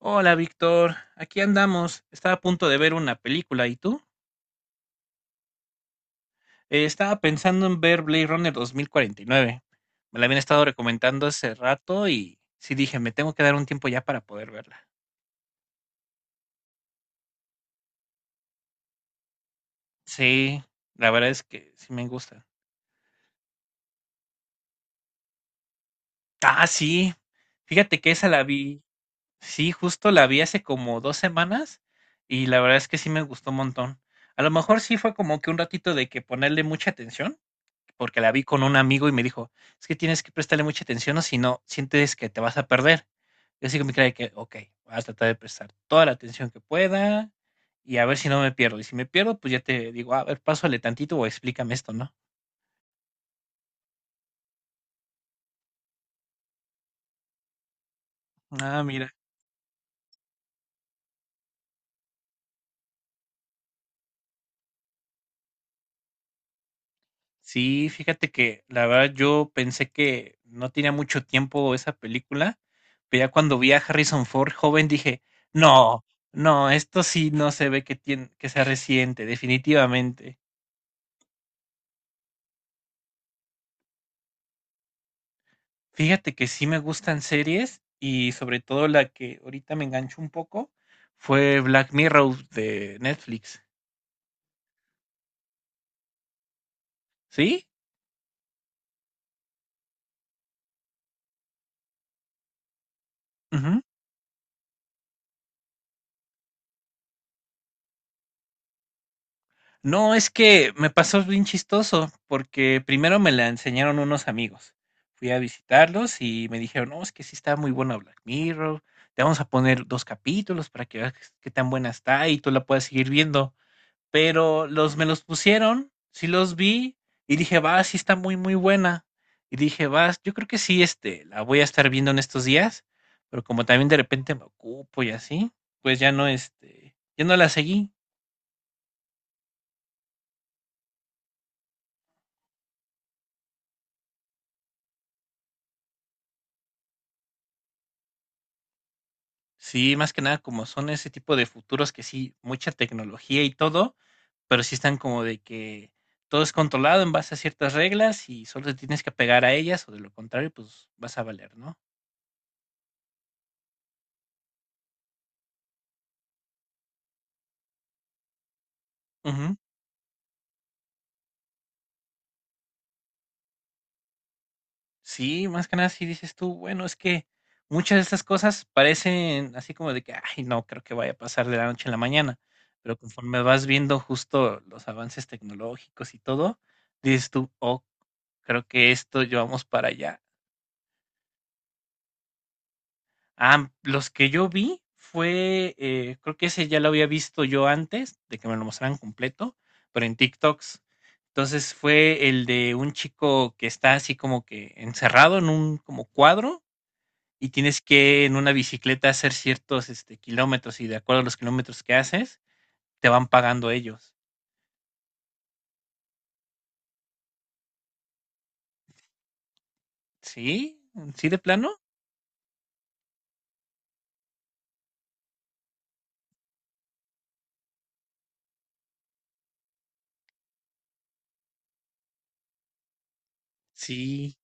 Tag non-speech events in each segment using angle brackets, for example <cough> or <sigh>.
Hola, Víctor. Aquí andamos. Estaba a punto de ver una película. ¿Y tú? Estaba pensando en ver Blade Runner 2049. Me la habían estado recomendando hace rato y sí dije, me tengo que dar un tiempo ya para poder verla. Sí, la verdad es que sí me gusta. Ah, sí. Fíjate que esa la vi. Sí, justo la vi hace como 2 semanas y la verdad es que sí me gustó un montón. A lo mejor sí fue como que un ratito de que ponerle mucha atención, porque la vi con un amigo y me dijo: "Es que tienes que prestarle mucha atención, o si no, sientes que te vas a perder". Yo así con mi cara que: "Okey, voy a tratar de prestar toda la atención que pueda y a ver si no me pierdo, y si me pierdo, pues, ya te digo: "A ver, pásale tantito o explícame esto", ¿no? Ah, mira. Sí, fíjate que la verdad yo pensé que no tenía mucho tiempo esa película, pero ya cuando vi a Harrison Ford joven dije: "No, no, esto sí no se ve que tiene que sea reciente, definitivamente". Fíjate que sí me gustan series y sobre todo la que ahorita me enganchó un poco fue Black Mirror de Netflix. ¿Sí? Ujú. No, es que me pasó bien chistoso porque primero me la enseñaron unos amigos. Fui a visitarlos y me dijeron, no, es que sí está muy buena Black Mirror. Te vamos a poner dos capítulos para que veas qué tan buena está y tú la puedas seguir viendo. Pero los me los pusieron, sí los vi y dije, va, sí está muy, muy buena. Y dije, vas, yo creo que sí, este, la voy a estar viendo en estos días, pero como también de repente me ocupo y así, pues ya no, este, ya no la seguí. Sí, más que nada como son ese tipo de futuros que sí, mucha tecnología y todo, pero sí están como de que todo es controlado en base a ciertas reglas y solo te tienes que apegar a ellas o de lo contrario, pues vas a valer, ¿no? Ujú. Sí, más que nada si dices tú, bueno, es que muchas de estas cosas parecen así como de que, ay, no creo que vaya a pasar de la noche a la mañana, pero conforme vas viendo justo los avances tecnológicos y todo, dices tú, oh, creo que esto llevamos para allá. Ah, los que yo vi fue, creo que ese ya lo había visto yo antes de que me lo mostraran completo, pero en TikToks. Entonces fue el de un chico que está así como que encerrado en un como cuadro y tienes que en una bicicleta hacer ciertos este, kilómetros y de acuerdo a los kilómetros que haces, te van pagando ellos. ¿Sí? ¿Sí de plano? Sí.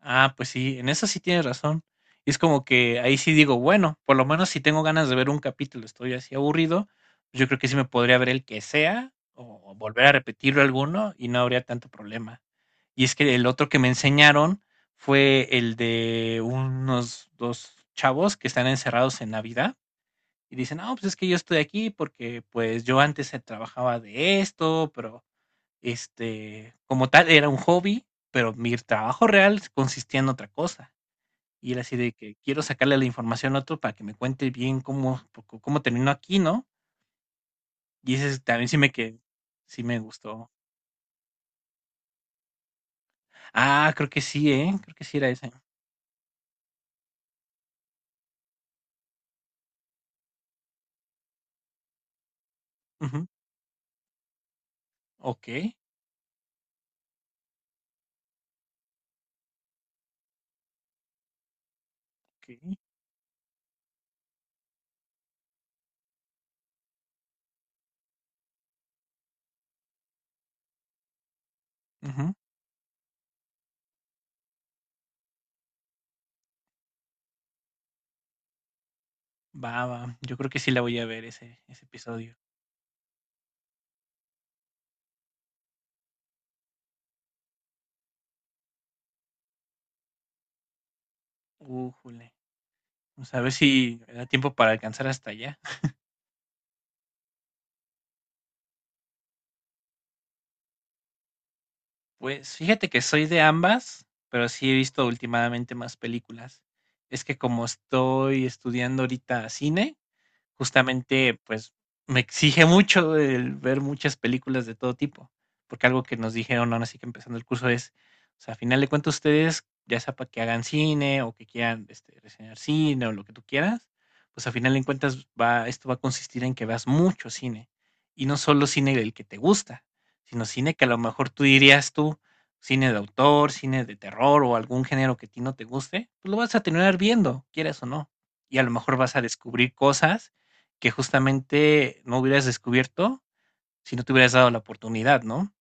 Ah, pues sí, en eso sí tienes razón. Y es como que ahí sí digo, bueno, por lo menos si tengo ganas de ver un capítulo, estoy así aburrido, pues yo creo que sí me podría ver el que sea o volver a repetirlo alguno y no habría tanto problema. Y es que el otro que me enseñaron fue el de unos dos chavos que están encerrados en Navidad. Y dicen, no, pues es que yo estoy aquí porque pues yo antes trabajaba de esto, pero este, como tal, era un hobby, pero mi trabajo real consistía en otra cosa. Y era así de que quiero sacarle la información a otro para que me cuente bien cómo, cómo terminó aquí, ¿no? Y ese es- también sí me gustó. Ah, creo que sí, ¿eh? Creo que sí era ese. Ujú. Ok, ok. Ujú. Va, va. Yo creo que sí la voy a ver ese, ese episodio. Újule. Vamos a ver si me da tiempo para alcanzar hasta allá. Pues, fíjate que soy de ambas, pero sí he visto últimamente más películas. Es que como estoy estudiando ahorita cine, justamente, pues, me exige mucho el ver muchas películas de todo tipo, porque algo que nos dijeron ahora sí que empezando el curso es, o sea, a final de cuentas ustedes, ya sea para que hagan cine o que quieran este, reseñar cine o lo que tú quieras, pues a final de cuentas va, esto va a consistir en que veas mucho cine y no solo cine del que te gusta, sino cine que a lo mejor tú dirías tú, cine de autor, cine de terror o algún género que a ti no te guste, pues lo vas a terminar viendo, quieras o no. Y a lo mejor vas a descubrir cosas que justamente no hubieras descubierto si no te hubieras dado la oportunidad, ¿no?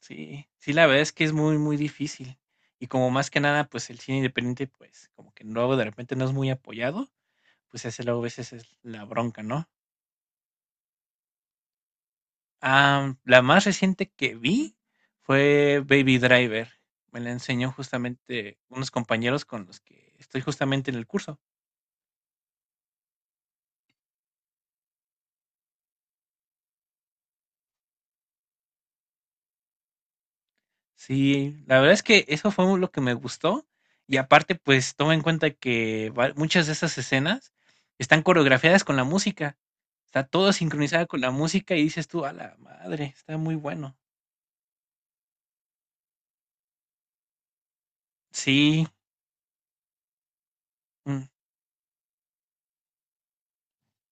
Sí, sí, la verdad es que es muy, muy difícil. Y como más que nada, pues el cine independiente, pues como que luego de repente no es muy apoyado, pues ese luego a veces es la bronca, ¿no? Ah, la más reciente que vi fue Baby Driver. Me la enseñó justamente unos compañeros con los que estoy justamente en el curso. Sí, la verdad es que eso fue lo que me gustó y aparte, pues toma en cuenta que muchas de esas escenas están coreografiadas con la música, está todo sincronizado con la música y dices tú, a la madre, está muy bueno. Sí, mm,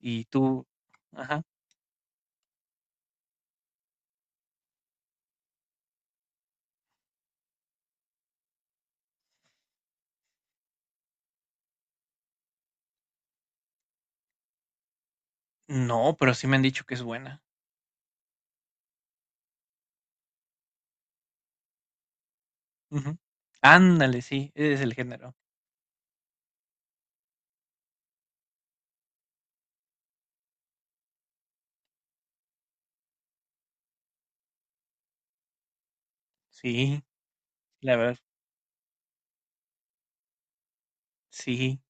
y tú, ajá, no, pero sí me han dicho que es buena. Ujú. Ándale, sí, ese es el género. Sí, la verdad, sí.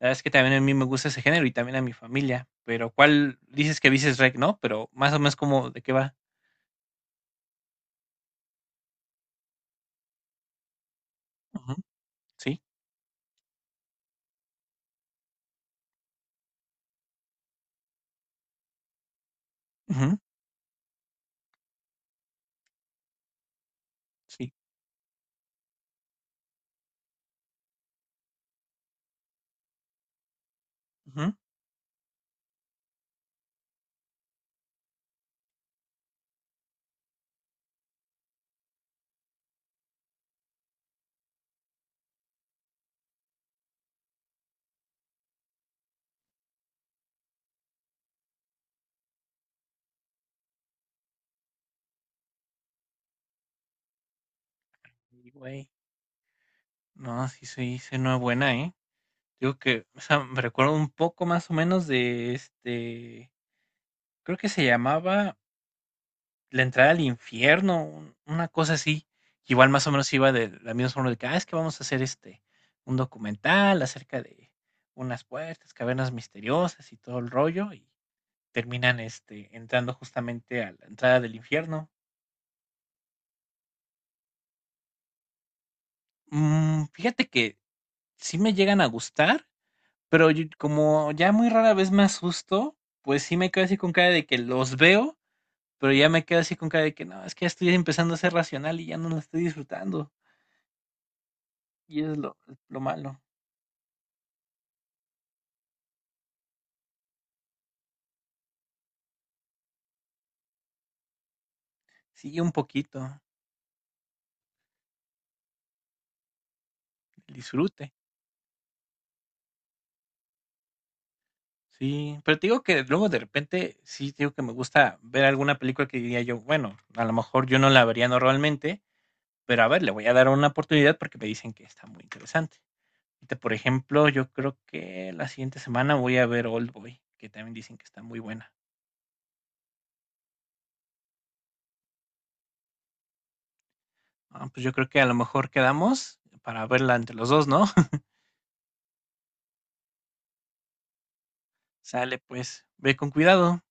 La verdad es que también a mí me gusta ese género y también a mi familia, pero ¿cuál dices que dices rec, no? Pero más o menos como de qué va. Sí, ujú, sí, ujú. Y, güey, no, sí se sí es buena, ¿eh? Digo que, o sea, me recuerdo un poco más o menos de este, creo que se llamaba La entrada al infierno, una cosa así. Igual más o menos iba de la misma forma de que, ah, es que vamos a hacer este, un documental acerca de unas puertas, cavernas misteriosas y todo el rollo, y terminan este, entrando justamente a la entrada del infierno. Mm, fíjate que sí me llegan a gustar. Pero como ya muy rara vez me asusto, pues sí me quedo así con cara de que los veo, pero ya me quedo así con cara de que no, es que ya estoy empezando a ser racional y ya no lo estoy disfrutando. Y es lo malo. Sí, un poquito, el disfrute. Sí, pero te digo que luego de repente sí te digo que me gusta ver alguna película que diría yo, bueno, a lo mejor yo no la vería normalmente, pero a ver, le voy a dar una oportunidad porque me dicen que está muy interesante. Ahorita, por ejemplo, yo creo que la siguiente semana voy a ver Oldboy, que también dicen que está muy buena. Ah, pues yo creo que a lo mejor quedamos para verla entre los dos, ¿no? <laughs> Sale, pues, ve con cuidado.